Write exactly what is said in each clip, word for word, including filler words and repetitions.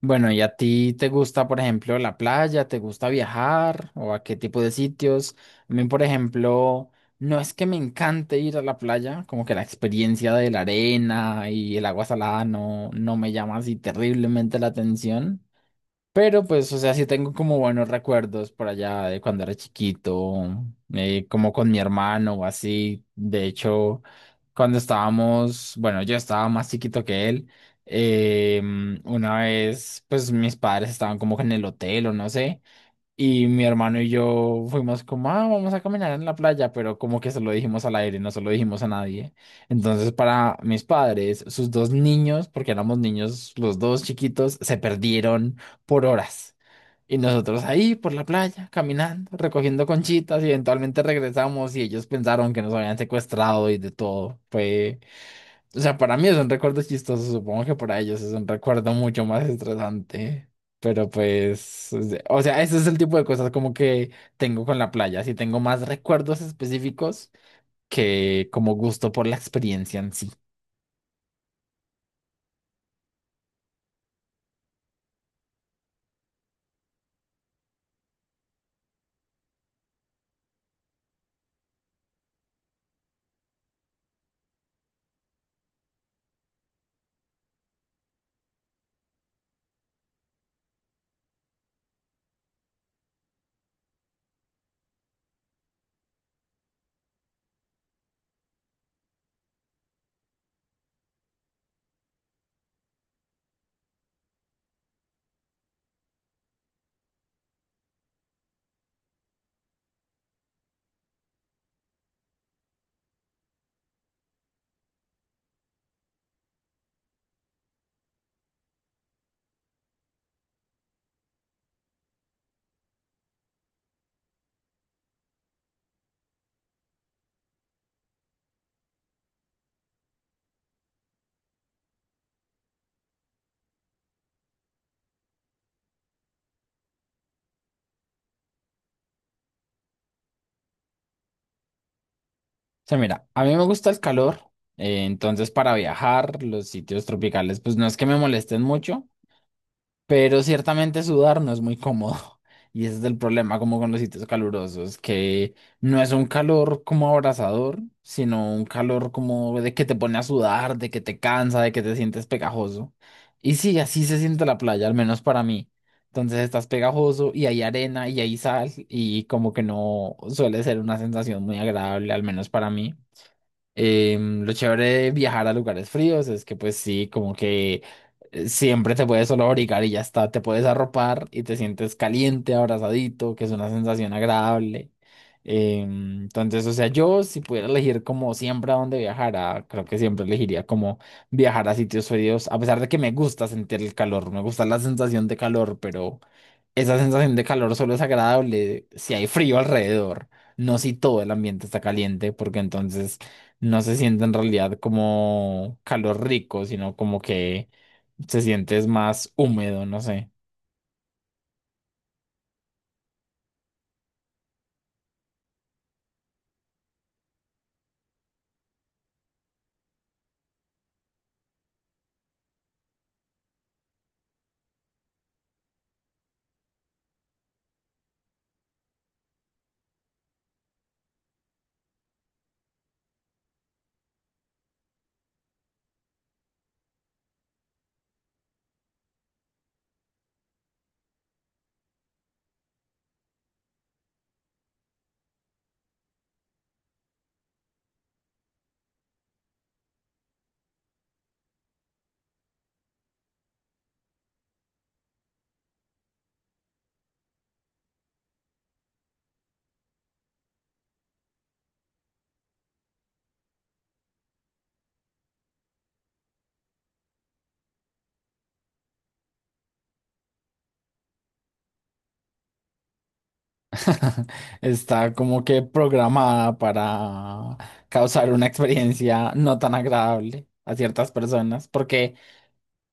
Bueno, ¿y a ti te gusta, por ejemplo, la playa? ¿Te gusta viajar? ¿O a qué tipo de sitios? A mí, por ejemplo, no es que me encante ir a la playa, como que la experiencia de la arena y el agua salada no, no me llama así terriblemente la atención. Pero pues, o sea, sí tengo como buenos recuerdos por allá de cuando era chiquito, eh, como con mi hermano o así. De hecho, cuando estábamos, bueno, yo estaba más chiquito que él. eh, una vez, pues mis padres estaban como que en el hotel o no sé. Y mi hermano y yo fuimos como, ah, vamos a caminar en la playa, pero como que se lo dijimos al aire, no se lo dijimos a nadie. Entonces, para mis padres, sus dos niños, porque éramos niños los dos chiquitos, se perdieron por horas. Y nosotros ahí por la playa, caminando, recogiendo conchitas y eventualmente regresamos y ellos pensaron que nos habían secuestrado y de todo. Fue, o sea, para mí es un recuerdo chistoso, supongo que para ellos es un recuerdo mucho más estresante. Pero pues, es de- o sea, ese es el tipo de cosas como que tengo con la playa. Sí tengo más recuerdos específicos que como gusto por la experiencia en sí. O sea, mira, a mí me gusta el calor, eh, entonces para viajar, los sitios tropicales, pues no es que me molesten mucho. Pero ciertamente sudar no es muy cómodo. Y ese es el problema como con los sitios calurosos, que no es un calor como abrasador, sino un calor como de que te pone a sudar, de que te cansa, de que te sientes pegajoso. Y sí, así se siente la playa, al menos para mí. Entonces estás pegajoso y hay arena y hay sal y como que no suele ser una sensación muy agradable, al menos para mí. Em, lo chévere de viajar a lugares fríos es que pues sí, como que eh, siempre te puedes solo abrigar y ya está, te puedes arropar y te sientes caliente, abrazadito, que es una sensación agradable. Em, entonces, o sea, yo si pudiera elegir como siempre a dónde viajara, creo que siempre elegiría como viajar a sitios fríos, a pesar de que me gusta sentir el calor, me gusta la sensación de calor, pero... Esa sensación de calor solo es agradable si hay frío alrededor, no si todo el ambiente está caliente, porque entonces no se siente en realidad como calor rico, sino como que se siente es más húmedo, no sé. Está como que programada para causar una experiencia no tan agradable a ciertas personas, porque,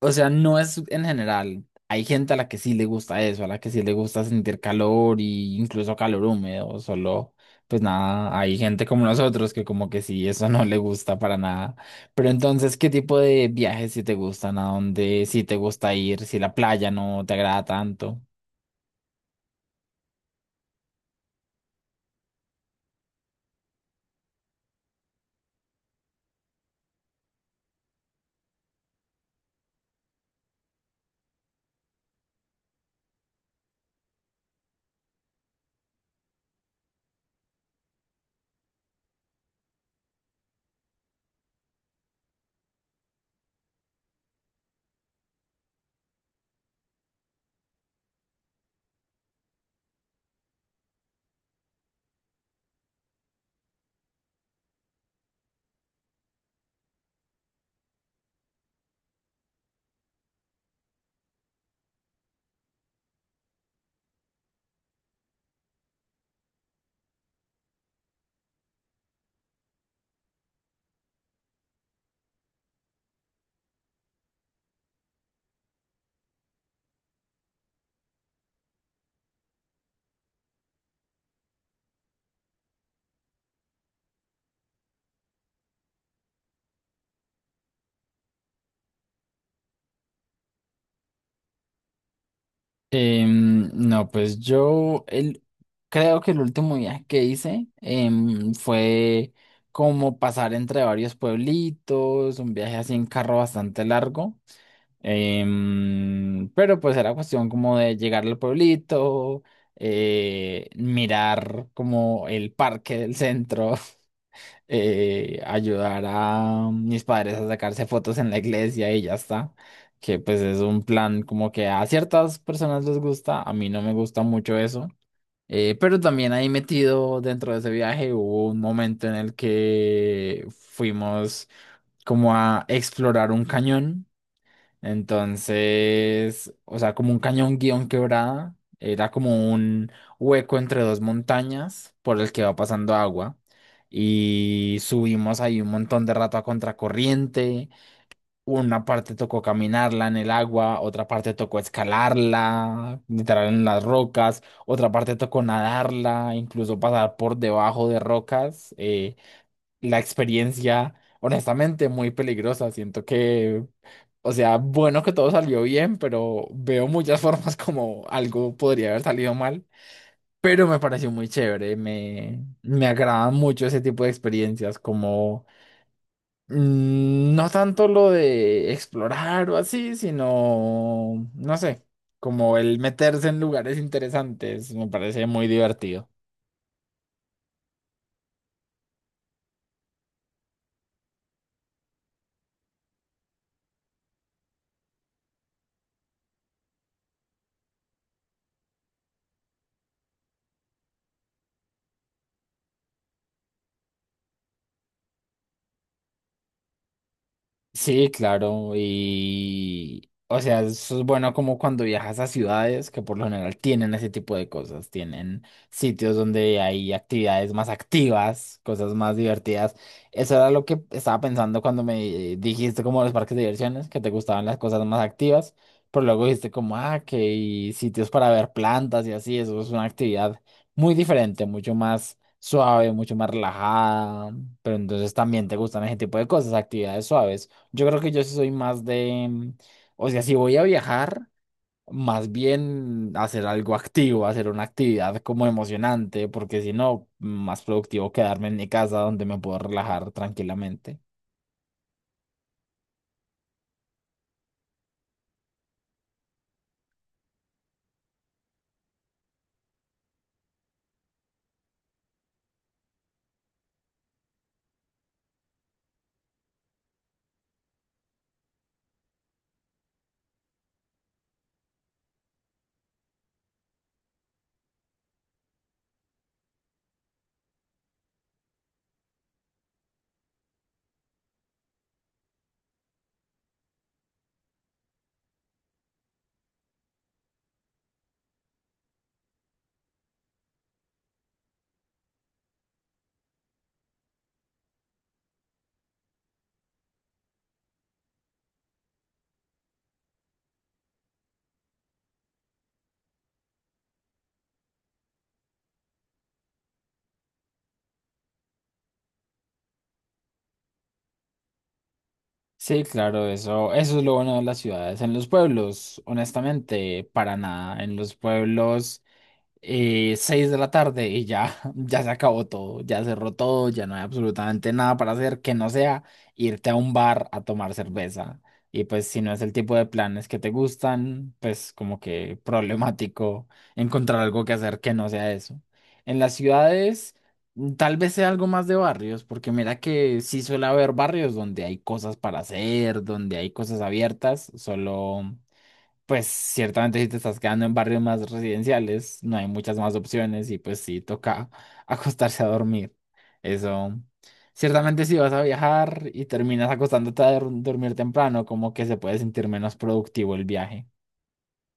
o sea, no es en general. Hay gente a la que sí le gusta eso, a la que sí le gusta sentir calor y incluso calor húmedo, solo, pues nada, hay gente como nosotros que como que sí, eso no le gusta para nada. Pero entonces, ¿qué tipo de viajes sí te gustan? ¿A dónde sí te gusta ir? Si la playa no te agrada tanto. Em, no, pues yo el, creo que el último viaje que hice em, fue como pasar entre varios pueblitos, un viaje así en carro bastante largo. Em, pero pues era cuestión como de llegar al pueblito, eh, mirar como el parque del centro. Eh, ayudar a mis padres a sacarse fotos en la iglesia y ya está. Que pues es un plan como que a ciertas personas les gusta, a mí no me gusta mucho eso. Eh, pero también ahí metido dentro de ese viaje hubo un momento en el que fuimos como a explorar un cañón. Entonces, o sea, como un cañón guión quebrada, era como un hueco entre dos montañas por el que va pasando agua. Y subimos ahí un montón de rato a contracorriente. Una parte tocó caminarla en el agua, otra parte tocó escalarla, literal en las rocas, otra parte tocó nadarla, incluso pasar por debajo de rocas. Eh, la experiencia, honestamente, muy peligrosa. Siento que, o sea, bueno que todo salió bien, pero veo muchas formas como algo podría haber salido mal. Pero me pareció muy chévere, me, me agradan mucho ese tipo de experiencias, como mm, no tanto lo de explorar o así, sino, no sé, como el meterse en lugares interesantes, me parece muy divertido. Sí, claro, y o sea, eso es bueno como cuando viajas a ciudades que por lo general tienen ese tipo de cosas, tienen sitios donde hay actividades más activas, cosas más divertidas. Eso era lo que estaba pensando cuando me dijiste como los parques de diversiones, que te gustaban las cosas más activas, pero luego dijiste como, ah, que hay sitios para ver plantas y así, eso es una actividad muy diferente, mucho más suave, mucho más relajada, pero entonces también te gustan ese tipo de cosas, actividades suaves. Yo creo que yo sí soy más de, mm, o sea, si voy a viajar, más bien hacer algo activo, hacer una actividad como emocionante, porque si no, más productivo quedarme en mi casa donde me puedo relajar tranquilamente. Sí, claro, eso, eso es lo bueno de las ciudades. En los pueblos, honestamente, para nada. En los pueblos. eh, seis de la tarde y ya, ya se acabó todo, ya cerró todo, ya no hay absolutamente nada para hacer que no sea irte a un bar a tomar cerveza. Y pues si no es el tipo de planes que te gustan, pues como que problemático encontrar algo que hacer que no sea eso. En las ciudades mm, tal vez sea algo más de barrios, porque mira que sí suele haber barrios donde hay cosas para hacer, donde hay cosas abiertas, solo... Pues ciertamente si te estás quedando en barrios más residenciales, no hay muchas más opciones y pues sí toca acostarse a dormir. Eso, ciertamente si vas a viajar y terminas acostándote a dor- dormir temprano, como que se puede sentir menos productivo el viaje.